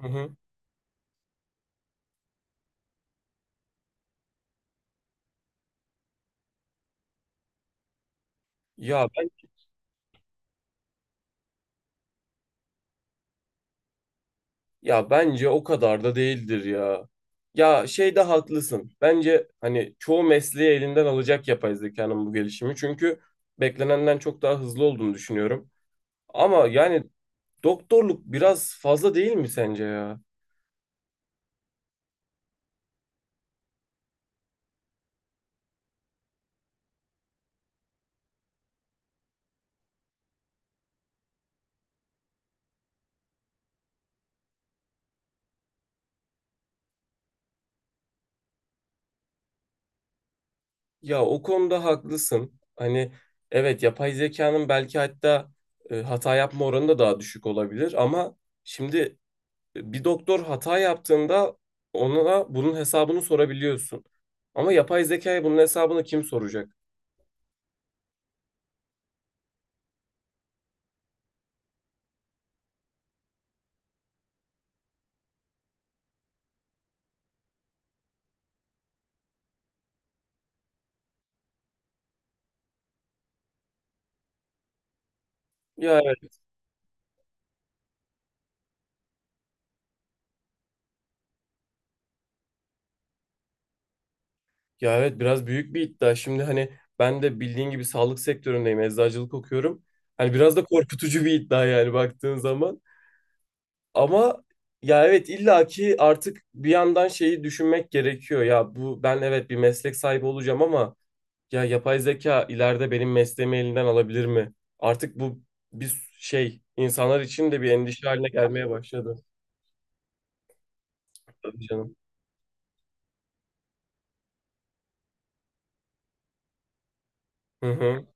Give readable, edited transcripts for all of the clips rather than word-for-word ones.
Hı hı. Ya ben Ya bence o kadar da değildir ya. Ya şeyde haklısın. Bence hani çoğu mesleği elinden alacak yapay zekanın bu gelişimi. Çünkü beklenenden çok daha hızlı olduğunu düşünüyorum. Ama yani doktorluk biraz fazla değil mi sence ya? Ya o konuda haklısın. Hani evet yapay zekanın belki hatta hata yapma oranı da daha düşük olabilir ama şimdi bir doktor hata yaptığında ona bunun hesabını sorabiliyorsun. Ama yapay zekaya bunun hesabını kim soracak? Ya evet, ya evet biraz büyük bir iddia. Şimdi hani ben de bildiğin gibi sağlık sektöründeyim, eczacılık okuyorum. Hani biraz da korkutucu bir iddia yani baktığın zaman. Ama ya evet illaki artık bir yandan şeyi düşünmek gerekiyor. Ya bu ben evet bir meslek sahibi olacağım ama ya yapay zeka ileride benim mesleğimi elinden alabilir mi? Artık bu bir şey insanlar için de bir endişe haline gelmeye başladı. Tabii canım. Hı hı.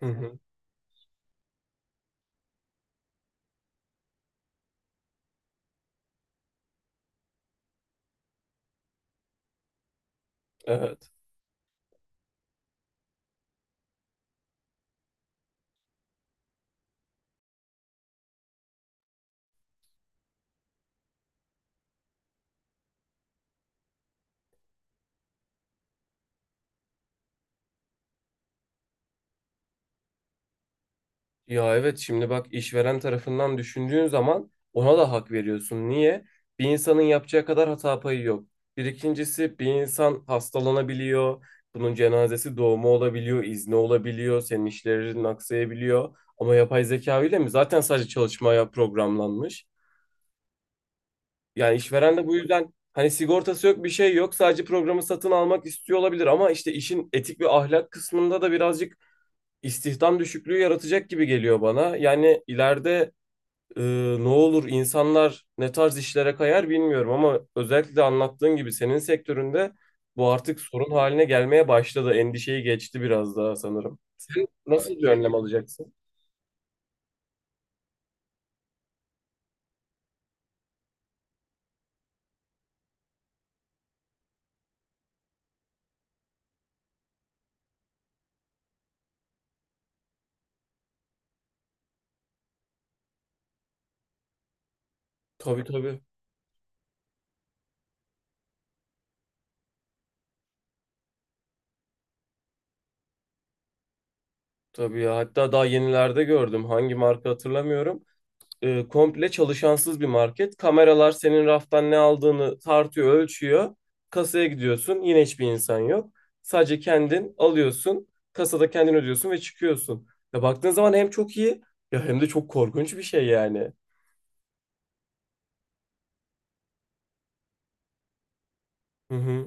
Hı hı. Evet. Ya evet şimdi bak işveren tarafından düşündüğün zaman ona da hak veriyorsun. Niye? Bir insanın yapacağı kadar hata payı yok. Bir ikincisi bir insan hastalanabiliyor. Bunun cenazesi doğumu olabiliyor, izni olabiliyor, senin işlerin aksayabiliyor. Ama yapay zeka öyle mi? Zaten sadece çalışmaya programlanmış. Yani işveren de bu yüzden hani sigortası yok bir şey yok sadece programı satın almak istiyor olabilir ama işte işin etik ve ahlak kısmında da birazcık istihdam düşüklüğü yaratacak gibi geliyor bana. Yani ileride e, ne olur insanlar ne tarz işlere kayar bilmiyorum ama özellikle de anlattığın gibi senin sektöründe bu artık sorun haline gelmeye başladı. Endişeyi geçti biraz daha sanırım. Sen nasıl bir önlem alacaksın? Tabii tabii. Tabii ya. Hatta daha yenilerde gördüm. Hangi marka hatırlamıyorum. Komple çalışansız bir market. Kameralar senin raftan ne aldığını tartıyor, ölçüyor. Kasaya gidiyorsun, yine hiçbir insan yok. Sadece kendin alıyorsun, kasada kendin ödüyorsun ve çıkıyorsun. Ya baktığın zaman hem çok iyi ya hem de çok korkunç bir şey yani. Hı hı.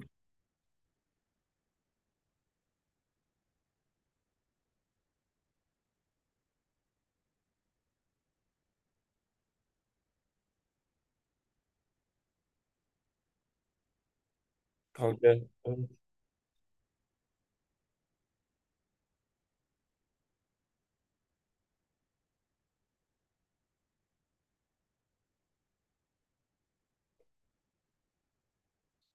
Kanka. Evet.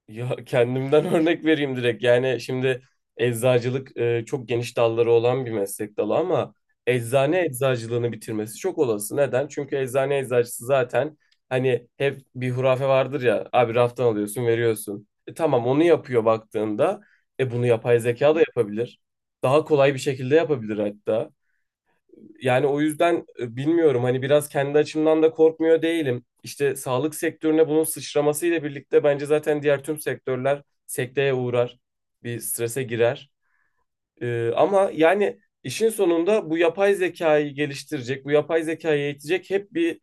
Ya kendimden örnek vereyim direkt. Yani şimdi eczacılık çok geniş dalları olan bir meslek dalı ama eczane eczacılığını bitirmesi çok olası. Neden? Çünkü eczane eczacısı zaten hani hep bir hurafe vardır ya. Abi raftan alıyorsun, veriyorsun. E, tamam onu yapıyor baktığında. E bunu yapay zeka da yapabilir. Daha kolay bir şekilde yapabilir hatta. Yani o yüzden bilmiyorum hani biraz kendi açımdan da korkmuyor değilim. İşte sağlık sektörüne bunun sıçramasıyla birlikte bence zaten diğer tüm sektörler sekteye uğrar, bir strese girer. E, ama yani işin sonunda bu yapay zekayı geliştirecek, bu yapay zekayı eğitecek hep bir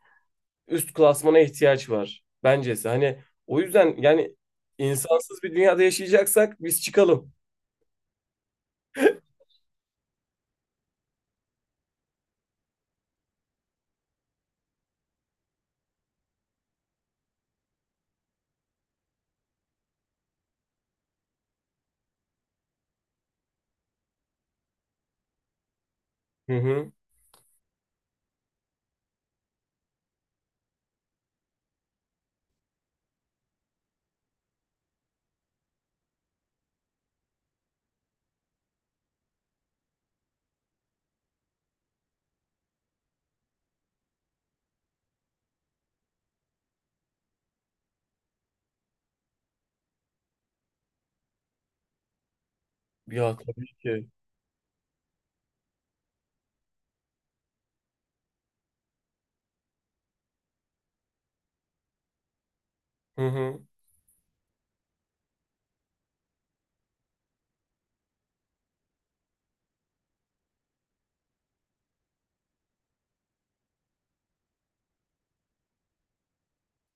üst klasmana ihtiyaç var bencesi. Hani o yüzden yani insansız bir dünyada yaşayacaksak biz çıkalım. Hı hı. Ya tabii ki. Hı hı.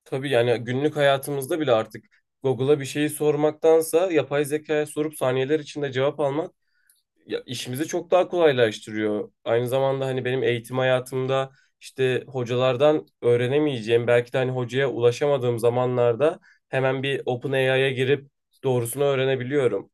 Tabii yani günlük hayatımızda bile artık Google'a bir şeyi sormaktansa yapay zekaya sorup saniyeler içinde cevap almak ya işimizi çok daha kolaylaştırıyor. Aynı zamanda hani benim eğitim hayatımda işte hocalardan öğrenemeyeceğim, belki de hani hocaya ulaşamadığım zamanlarda hemen bir OpenAI'ya girip doğrusunu öğrenebiliyorum.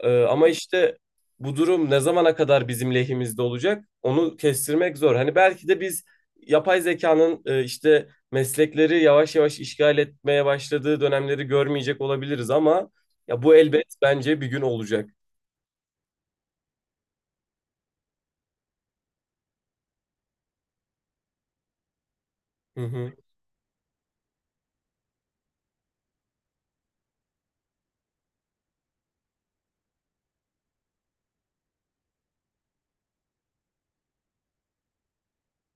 Ama işte bu durum ne zamana kadar bizim lehimizde olacak? Onu kestirmek zor. Hani belki de biz yapay zekanın işte meslekleri yavaş yavaş işgal etmeye başladığı dönemleri görmeyecek olabiliriz ama ya bu elbet bence bir gün olacak. Hı hı.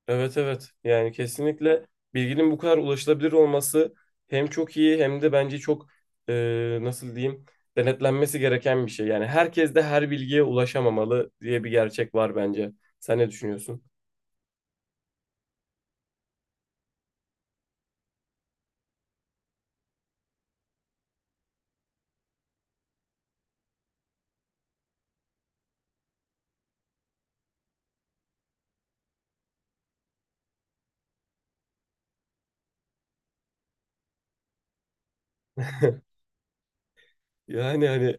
Evet evet. Yani kesinlikle bilginin bu kadar ulaşılabilir olması hem çok iyi hem de bence çok nasıl diyeyim denetlenmesi gereken bir şey. Yani herkes de her bilgiye ulaşamamalı diye bir gerçek var bence. Sen ne düşünüyorsun? Yani hani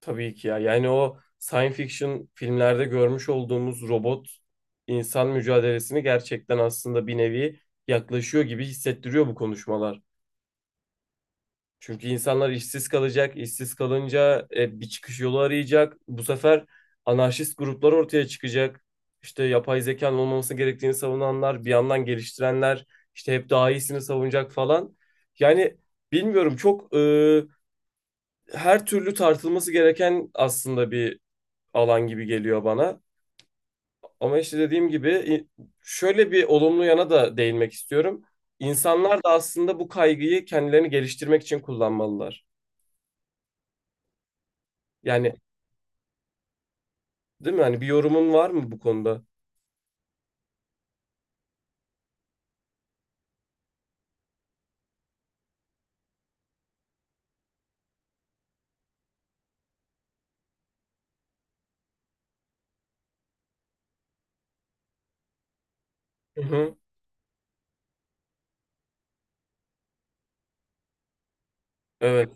tabii ki ya. Yani o science fiction filmlerde görmüş olduğumuz robot insan mücadelesini gerçekten aslında bir nevi yaklaşıyor gibi hissettiriyor bu konuşmalar. Çünkü insanlar işsiz kalacak. İşsiz kalınca bir çıkış yolu arayacak. Bu sefer anarşist gruplar ortaya çıkacak. İşte yapay zekanın olmaması gerektiğini savunanlar, bir yandan geliştirenler, işte hep daha iyisini savunacak falan. Yani bilmiyorum çok her türlü tartılması gereken aslında bir alan gibi geliyor bana. Ama işte dediğim gibi şöyle bir olumlu yana da değinmek istiyorum. İnsanlar da aslında bu kaygıyı kendilerini geliştirmek için kullanmalılar. Yani değil mi? Hani bir yorumun var mı bu konuda? Hı hı. Evet.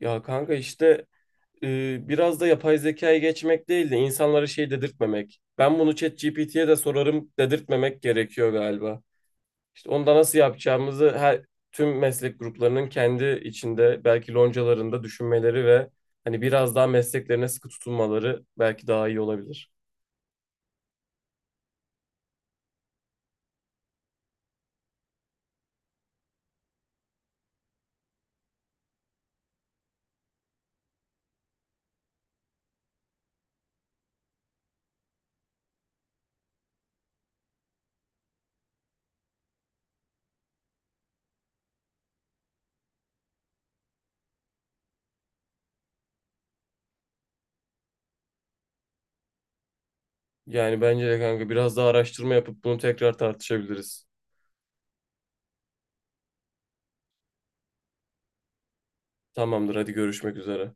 Ya kanka işte biraz da yapay zekaya geçmek değil de insanlara şey dedirtmemek. Ben bunu ChatGPT'ye de sorarım dedirtmemek gerekiyor galiba. İşte onda nasıl yapacağımızı her tüm meslek gruplarının kendi içinde belki loncalarında düşünmeleri ve hani biraz daha mesleklerine sıkı tutunmaları belki daha iyi olabilir. Yani bence de kanka biraz daha araştırma yapıp bunu tekrar tartışabiliriz. Tamamdır, hadi görüşmek üzere.